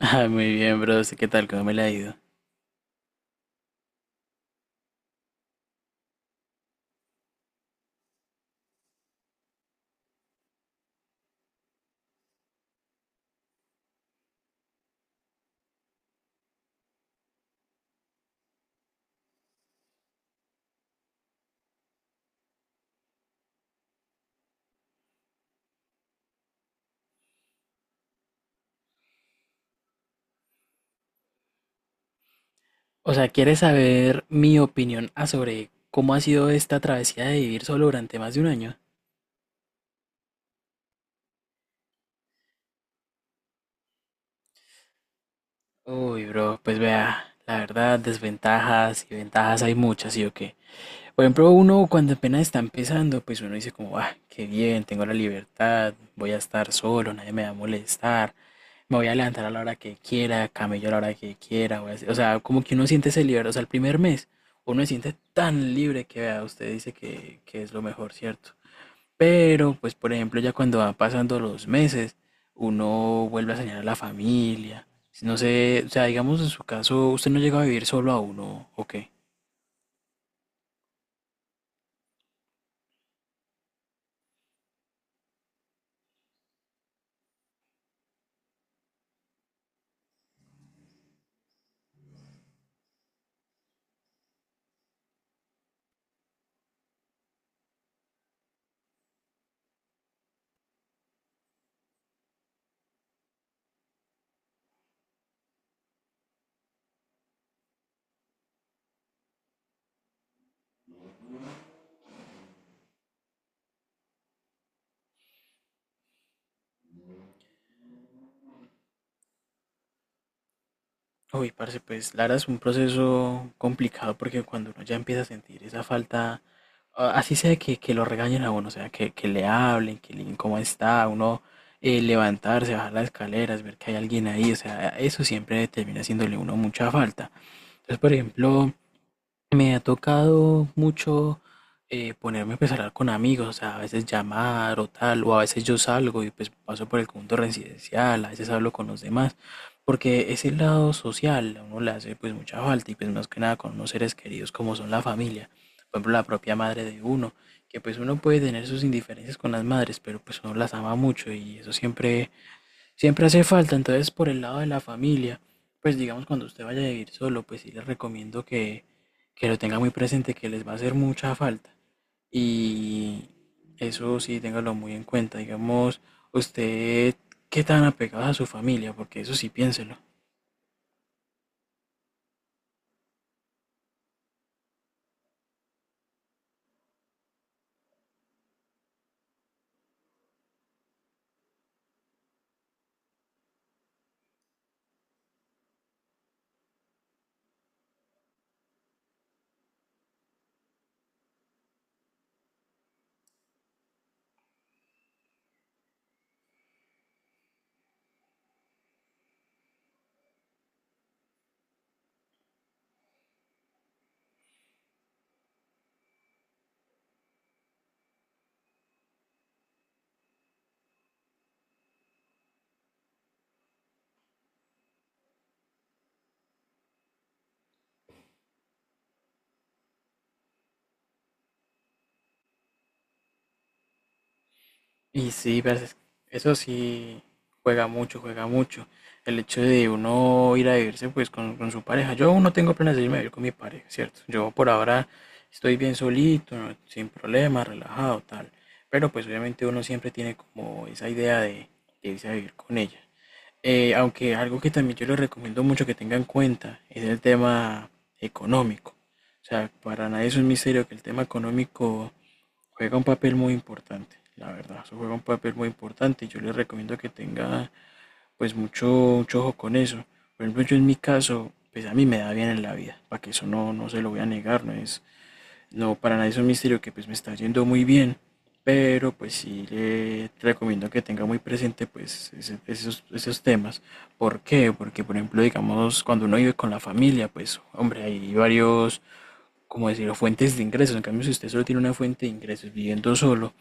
Ah, muy bien, bro. ¿Qué tal? ¿Cómo me la ha ido? O sea, ¿quieres saber mi opinión a sobre cómo ha sido esta travesía de vivir solo durante más de un año? Uy, bro, pues vea, la verdad, desventajas y ventajas hay muchas, ¿sí o qué? Por ejemplo, uno cuando apenas está empezando, pues uno dice como, ah, qué bien, tengo la libertad, voy a estar solo, nadie me va a molestar, me voy a levantar a la hora que quiera, camello a la hora que quiera, o sea, como que uno siente ese libre, o sea, el primer mes uno se siente tan libre que vea, usted dice que es lo mejor, ¿cierto? Pero, pues, por ejemplo, ya cuando van pasando los meses, uno vuelve a soñar a la familia, no sé, o sea, digamos en su caso, usted no llega a vivir solo a uno, ¿o qué? Uy, parce, pues la verdad es un proceso complicado porque cuando uno ya empieza a sentir esa falta, así sea que lo regañen a uno, o sea, que le hablen, que le digan cómo está, uno levantarse, bajar las escaleras, ver que hay alguien ahí, o sea, eso siempre termina haciéndole a uno mucha falta. Entonces, por ejemplo, me ha tocado mucho ponerme pues, a pensar con amigos, o sea, a veces llamar o tal, o a veces yo salgo y pues paso por el conjunto residencial, a veces hablo con los demás, porque ese lado social a uno le hace pues mucha falta y pues más que nada con unos seres queridos como son la familia, por ejemplo la propia madre de uno, que pues uno puede tener sus indiferencias con las madres, pero pues uno las ama mucho y eso siempre hace falta. Entonces, por el lado de la familia, pues digamos cuando usted vaya a vivir solo, pues sí les recomiendo que lo tenga muy presente, que les va a hacer mucha falta. Y eso sí, téngalo muy en cuenta. Digamos, usted, ¿qué tan apegado a su familia? Porque eso sí, piénselo. Y sí, eso sí juega mucho, juega mucho. El hecho de uno ir a vivirse pues con su pareja. Yo aún no tengo planes de irme a vivir con mi pareja, ¿cierto? Yo por ahora estoy bien solito, sin problemas, relajado, tal. Pero pues obviamente uno siempre tiene como esa idea de irse a vivir con ella. Aunque algo que también yo les recomiendo mucho que tengan en cuenta es el tema económico. O sea, para nadie es un misterio que el tema económico juega un papel muy importante, la verdad. Eso juega un papel muy importante y yo les recomiendo que tenga pues mucho ojo con eso. Por ejemplo, yo en mi caso, pues a mí me da bien en la vida, para que eso no se lo voy a negar, no es, no, para nadie es un misterio que pues me está yendo muy bien, pero pues sí le recomiendo que tenga muy presente pues esos, esos temas. ¿Por qué? Porque por ejemplo, digamos, cuando uno vive con la familia, pues hombre, hay varios como decirlo, fuentes de ingresos. En cambio, si usted solo tiene una fuente de ingresos viviendo solo,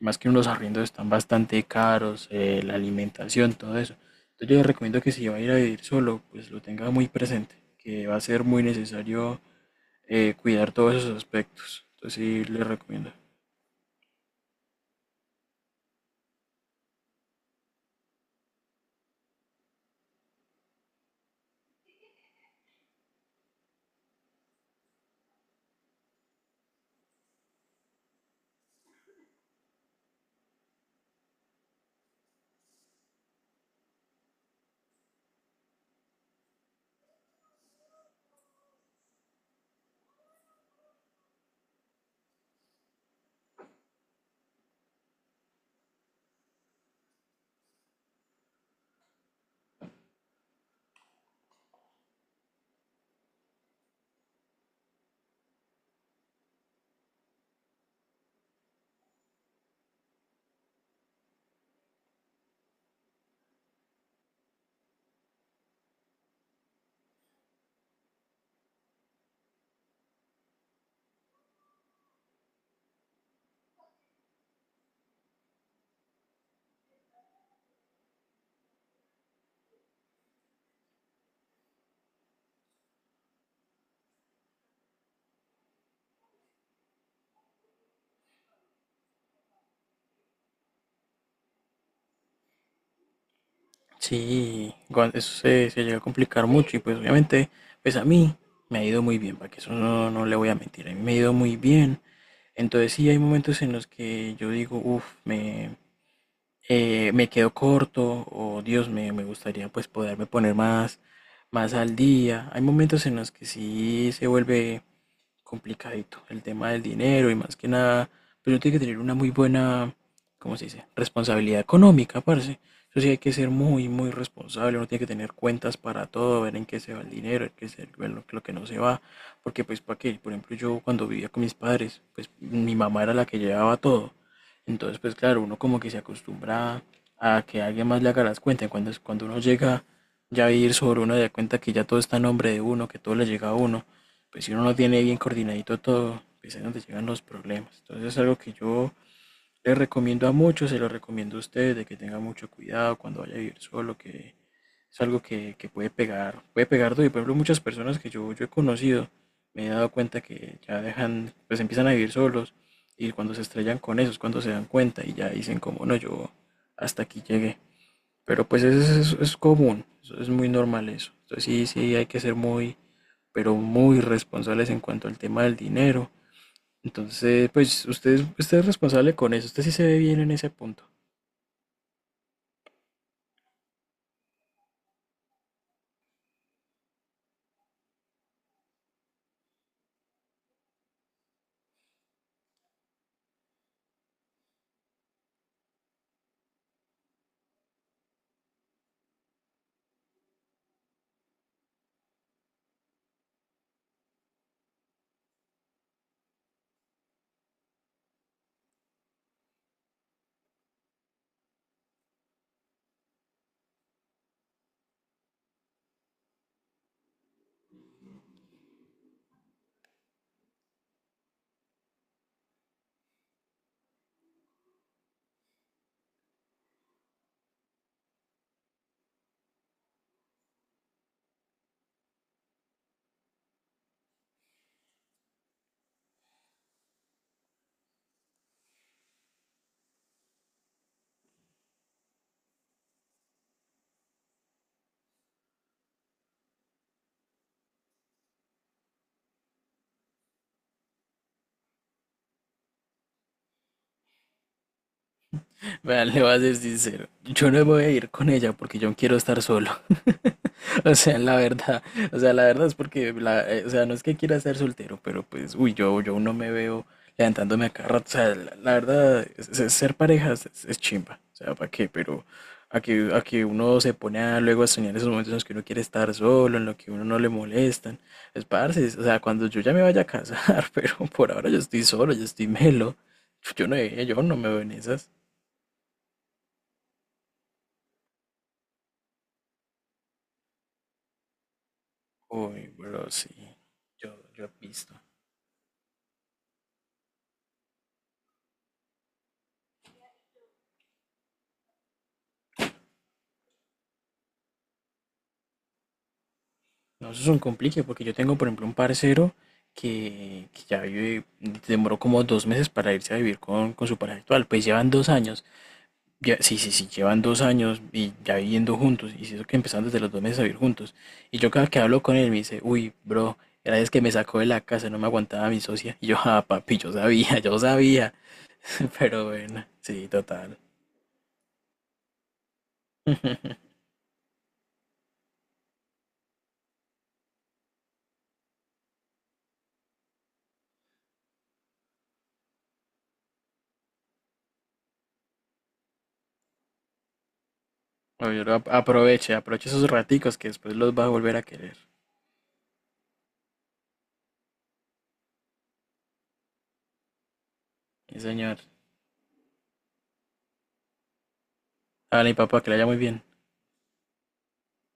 más que unos arriendos están bastante caros, la alimentación, todo eso. Entonces yo le recomiendo que si va a ir a vivir solo, pues lo tenga muy presente, que va a ser muy necesario cuidar todos esos aspectos. Entonces sí, les recomiendo. Sí, igual se llega a complicar mucho y pues obviamente, pues a mí me ha ido muy bien, para que eso no le voy a mentir, a mí me ha ido muy bien. Entonces sí hay momentos en los que yo digo, uff, me quedo corto o Dios me gustaría pues poderme poner más al día. Hay momentos en los que sí se vuelve complicadito, el tema del dinero y más que nada, pero uno tiene que tener una muy buena, ¿cómo se dice? Responsabilidad económica, parce. Eso sí hay que ser muy responsable. Uno tiene que tener cuentas para todo, ver en qué se va el dinero, ver lo que no se va, porque pues para qué, por ejemplo, yo cuando vivía con mis padres, pues mi mamá era la que llevaba todo. Entonces, pues claro, uno como que se acostumbra a que alguien más le haga las cuentas. Cuando uno llega ya a vivir sobre uno, se da cuenta que ya todo está en nombre de uno, que todo le llega a uno. Pues si uno no tiene bien coordinadito todo, pues es donde llegan los problemas. Entonces es algo que yo les recomiendo a muchos, se lo recomiendo a ustedes, de que tengan mucho cuidado cuando vaya a vivir solo, que es algo que puede pegar duro. Y por ejemplo, muchas personas que yo he conocido, me he dado cuenta que ya dejan, pues empiezan a vivir solos, y cuando se estrellan con eso es cuando se dan cuenta y ya dicen como, no, yo hasta aquí llegué. Pero pues es común, es muy normal eso. Entonces sí, sí hay que ser muy pero muy responsables en cuanto al tema del dinero. Entonces, pues usted, usted es responsable con eso, usted sí se ve bien en ese punto. Vean, le voy a ser sincero. Yo no me voy a ir con ella porque yo quiero estar solo. O sea, la verdad, o sea, la verdad es porque, o sea, no es que quiera ser soltero, pero pues, uy, yo no me veo levantándome a cada rato. O sea, la verdad, ser parejas es chimba. O sea, ¿para qué? Pero a que uno se pone a, luego a soñar esos momentos en los que uno quiere estar solo, en los que uno no le molestan. Es parce, o sea, cuando yo ya me vaya a casar, pero por ahora yo estoy solo, yo estoy melo. Yo no me veo en esas. Uy, bro, sí, yo he visto. No, eso es un complique porque yo tengo, por ejemplo, un parcero que ya vive, demoró como dos meses para irse a vivir con su pareja actual. Pues llevan dos años, sí, sí, sí, llevan dos años y ya viviendo juntos. Y eso que empezaron desde los dos meses a vivir juntos. Y yo cada que hablo con él me dice, uy, bro, era vez que me sacó de la casa, no me aguantaba mi socia. Y yo, ah, papi, yo sabía, yo sabía. Pero bueno, sí, total. Oye, aproveche, aproveche esos raticos que después los va a volver a querer. Sí, señor. Hágale, mi papá, que le haya muy bien.